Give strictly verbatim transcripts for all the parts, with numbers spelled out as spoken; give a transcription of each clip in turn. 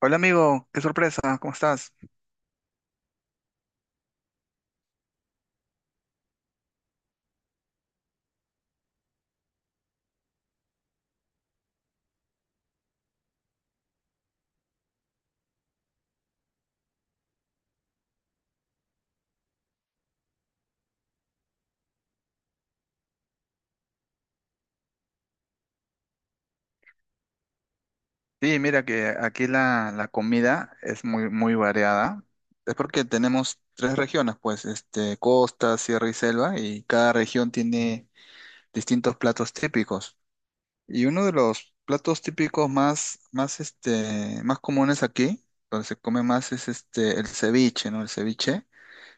Hola amigo, qué sorpresa, ¿cómo estás? Sí, mira que aquí la, la comida es muy, muy variada. Es porque tenemos tres regiones, pues, este, costa, sierra y selva, y cada región tiene distintos platos típicos. Y uno de los platos típicos más, más, este, más comunes aquí, donde se come más, es este, el ceviche, ¿no? El ceviche,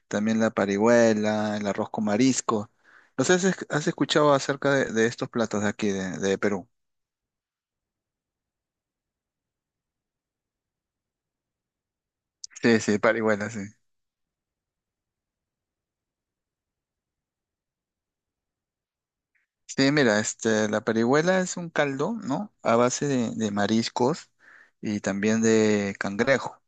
también la parihuela, el arroz con marisco. No sé si has escuchado acerca de, de estos platos de aquí, de, de Perú. Sí, sí, parihuela, sí. Sí, mira, este, la parihuela es un caldo, ¿no? A base de, de mariscos y también de cangrejo.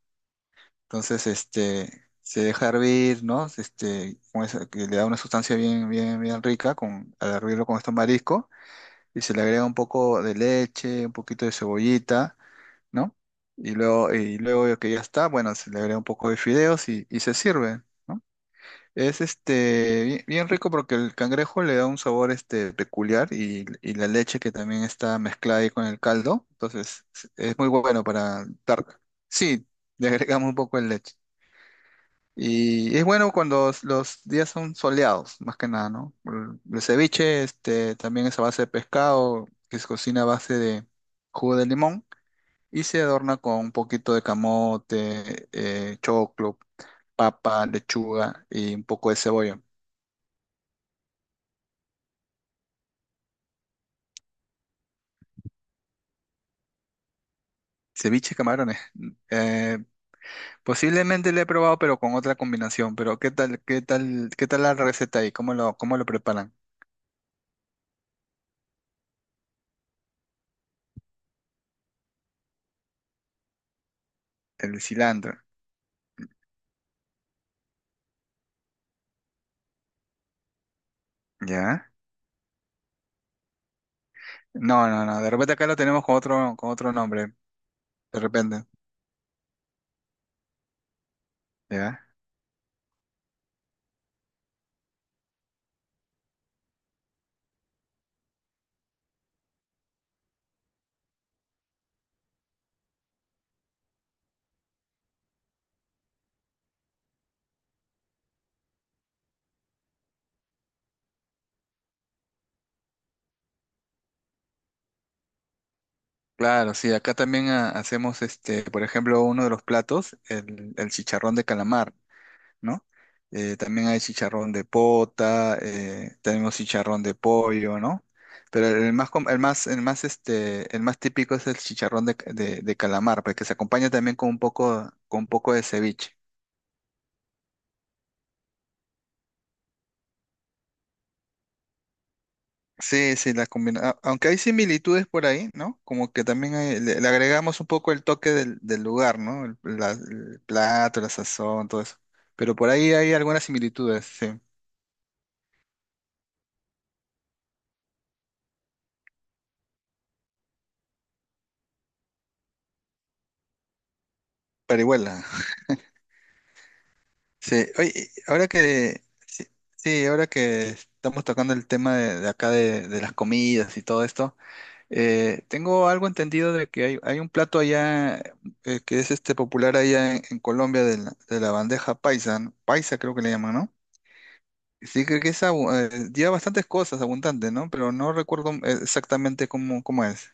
Entonces, este, se deja hervir, ¿no? Este, con esa- que le da una sustancia bien, bien, bien rica con, al hervirlo con estos mariscos y se le agrega un poco de leche, un poquito de cebollita, ¿no? Y luego, y luego que ya está, bueno, se le agrega un poco de fideos y, y se sirve, ¿no? Es este bien, bien rico porque el cangrejo le da un sabor este peculiar y, y la leche que también está mezclada ahí con el caldo. Entonces es es muy bueno para dar. Sí, le agregamos un poco de leche. Y es bueno cuando s- los días son soleados, más que nada, ¿no? El el ceviche este, también es a base de pescado, que se cocina a base de jugo de limón y se adorna con un poquito de camote, eh, choclo, papa, lechuga y un poco de cebolla. Ceviche de camarones. Eh, posiblemente lo he probado, pero con otra combinación. Pero ¿qué tal, qué tal, qué tal la receta ahí? ¿Cómo lo, cómo lo preparan? El cilantro. ¿Ya? No, no, no. De repente acá lo tenemos con otro, con otro nombre. De repente. ¿Ya? Claro, sí. Acá también ah, hacemos este, por ejemplo, uno de los platos, el, el chicharrón de calamar. ¿No? Eh, también hay chicharrón de pota, eh, tenemos chicharrón de pollo, ¿no? Pero el más, com- el más, el más, este, el más típico es el chicharrón de, de, de calamar, porque se acompaña también con un poco, con un poco de ceviche. Sí, sí, la combina. a- aunque hay similitudes por ahí, ¿no? Como que también hay- le, le agregamos un poco el toque del, del lugar, ¿no? El, la- el plato, la sazón, todo eso. Pero por ahí hay algunas similitudes, sí. Parihuela. Sí, oye, ahora que, sí, sí, ahora que estamos tocando el tema de, de acá de, de las comidas y todo esto, eh, tengo algo entendido de que hay, hay un plato allá eh, que es este popular allá en, en Colombia de la, de la bandeja paisa, ¿no? Paisa creo que le llaman, ¿no? Sí, creo que es, abu- eh, lleva bastantes cosas abundante, ¿no? Pero no recuerdo eh, exactamente cómo, cómo es.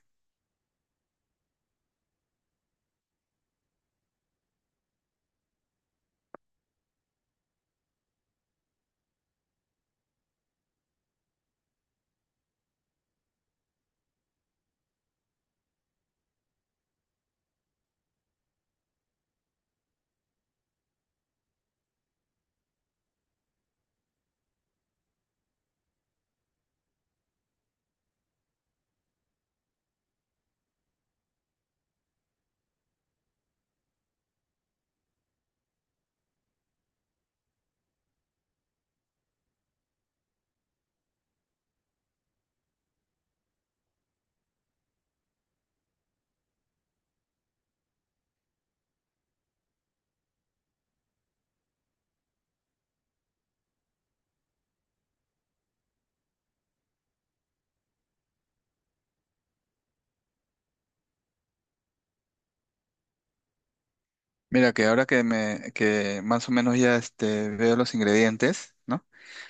Mira, que ahora que me, que más o menos ya este, veo los ingredientes, ¿no?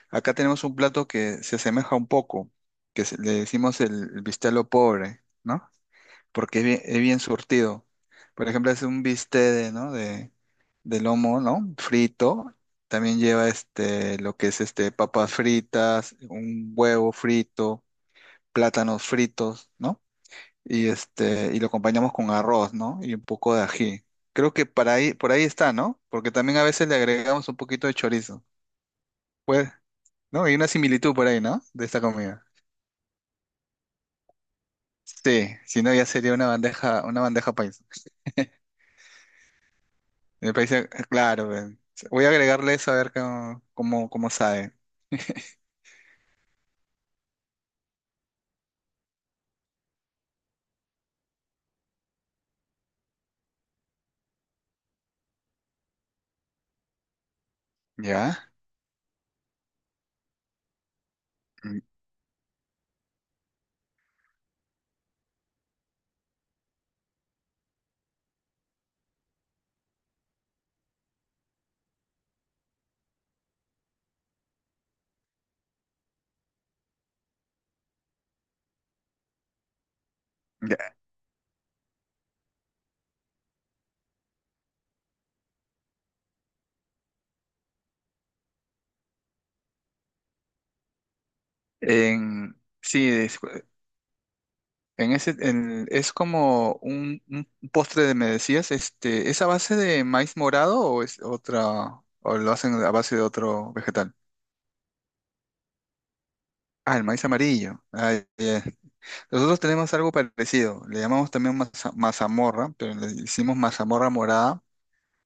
Acá tenemos un plato que se asemeja un poco, que se- le decimos el, el bistelo pobre, ¿no? Porque es bien, es bien surtido. Por ejemplo, es un bistec de, ¿no? de, de lomo, ¿no? Frito. También lleva este, lo que es este, papas fritas, un huevo frito, plátanos fritos, ¿no? Y, este, y lo acompañamos con arroz, ¿no? Y un poco de ají. Creo que para ahí, por ahí está, ¿no? Porque también a veces le agregamos un poquito de chorizo. Pues, no, hay una similitud por ahí, ¿no? De esta comida. Sí, si no ya sería una bandeja, una bandeja paisa. Me parece, claro, pues. Voy a agregarle eso a ver cómo, cómo, cómo sabe. ¿Ya? Mm, ya. En, sí, es, en ese, en- Es como un, un postre de, me decías, este, ¿es a base de maíz morado o es otra, o lo hacen a base de otro vegetal? Ah, el maíz amarillo. Ah, ya. Nosotros tenemos algo parecido, le llamamos también maza- mazamorra, pero le hicimos mazamorra morada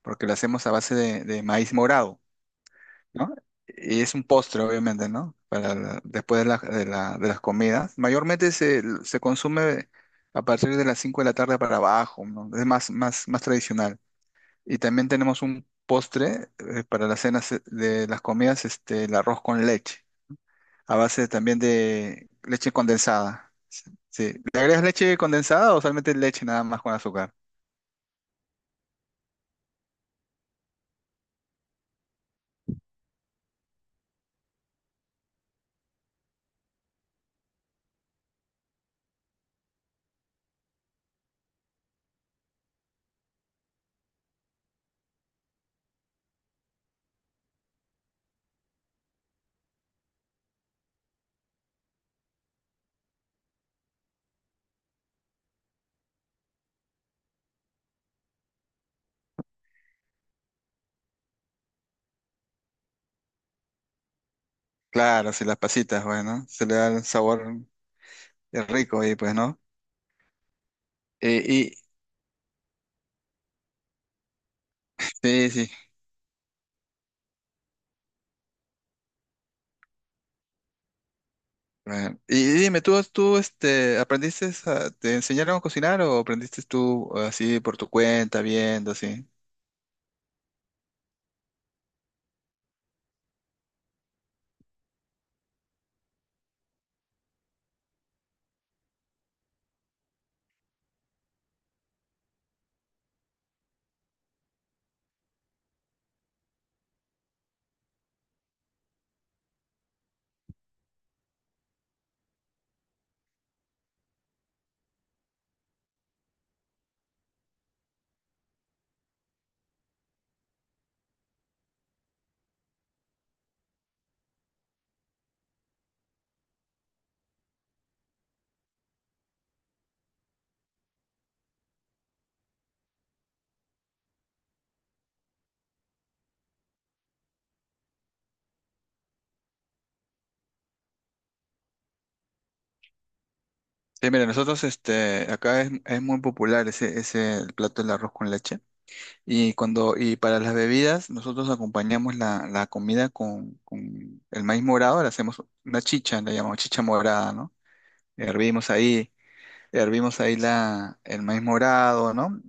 porque la hacemos a base de, de maíz morado, ¿no? Y es un postre, obviamente, ¿no? Para la- después de, la- de la- de las comidas. Mayormente se, se consume a partir de las cinco de la tarde para abajo, ¿no? Es más, más, más tradicional. Y también tenemos un postre eh, para las cenas eh, de las comidas, este, el arroz con leche. A base también de leche condensada. Sí, sí. ¿Le agregas leche condensada o solamente leche nada más con azúcar? Claro, si las pasitas, bueno, se le da el sabor rico ahí, pues, ¿no? Y, y sí, sí. Bueno, y dime, ¿tú, tú este, aprendiste, a- te enseñaron a cocinar o aprendiste tú así por tu cuenta, viendo, así? Sí, mira, nosotros este, acá es, es muy popular ese, ese plato del arroz con leche. Y cuando, y Para las bebidas, nosotros acompañamos la, la comida con, con el maíz morado, le hacemos una chicha, la llamamos chicha morada, ¿no? Hervimos ahí, hervimos ahí la, el maíz morado, ¿no?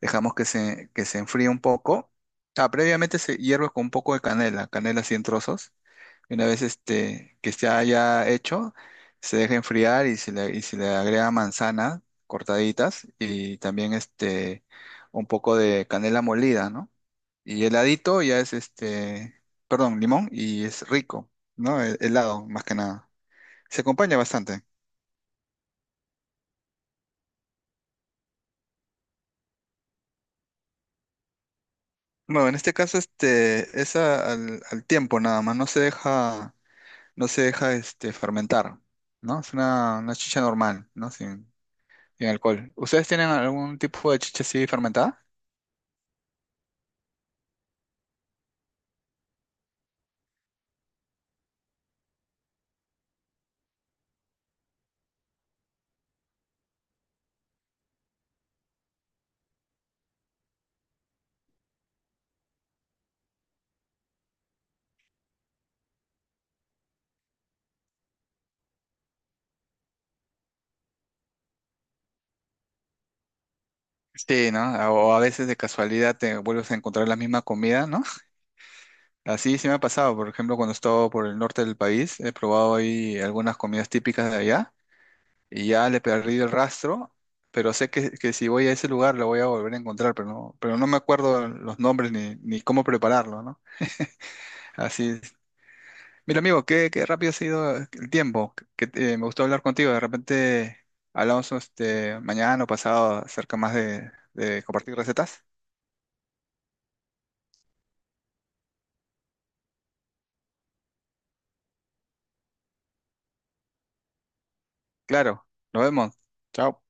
Dejamos que se, que se enfríe un poco. Ah, previamente se hierve con un poco de canela, canela así en trozos. Y una vez este, que se haya hecho, se deja enfriar y se le, y se le agrega manzana cortaditas y también este, un poco de canela molida, ¿no? Y heladito ya es este, perdón, limón y es rico, ¿no? He- Helado, más que nada. Se acompaña bastante. Bueno, en este caso este es a- al, al tiempo nada más, no se deja no se deja este fermentar, ¿no? Es una, una chicha normal, ¿no? Sin, sin alcohol. ¿Ustedes tienen algún tipo de chicha así fermentada? Sí, ¿no? A- O a veces de casualidad te vuelves a encontrar la misma comida, ¿no? Así sí me ha pasado, por ejemplo, cuando he estado por el norte del país, he probado ahí algunas comidas típicas de allá, y ya le perdí el rastro, pero sé que, que si voy a ese lugar lo voy a volver a encontrar, pero no, pero no me acuerdo los nombres ni, ni cómo prepararlo, ¿no? Así es. Mira, amigo, qué, qué rápido ha sido el tiempo, que, eh, me gustó hablar contigo, de repente hablamos este, mañana o pasado acerca más de, de compartir recetas. Claro, nos vemos. Chao.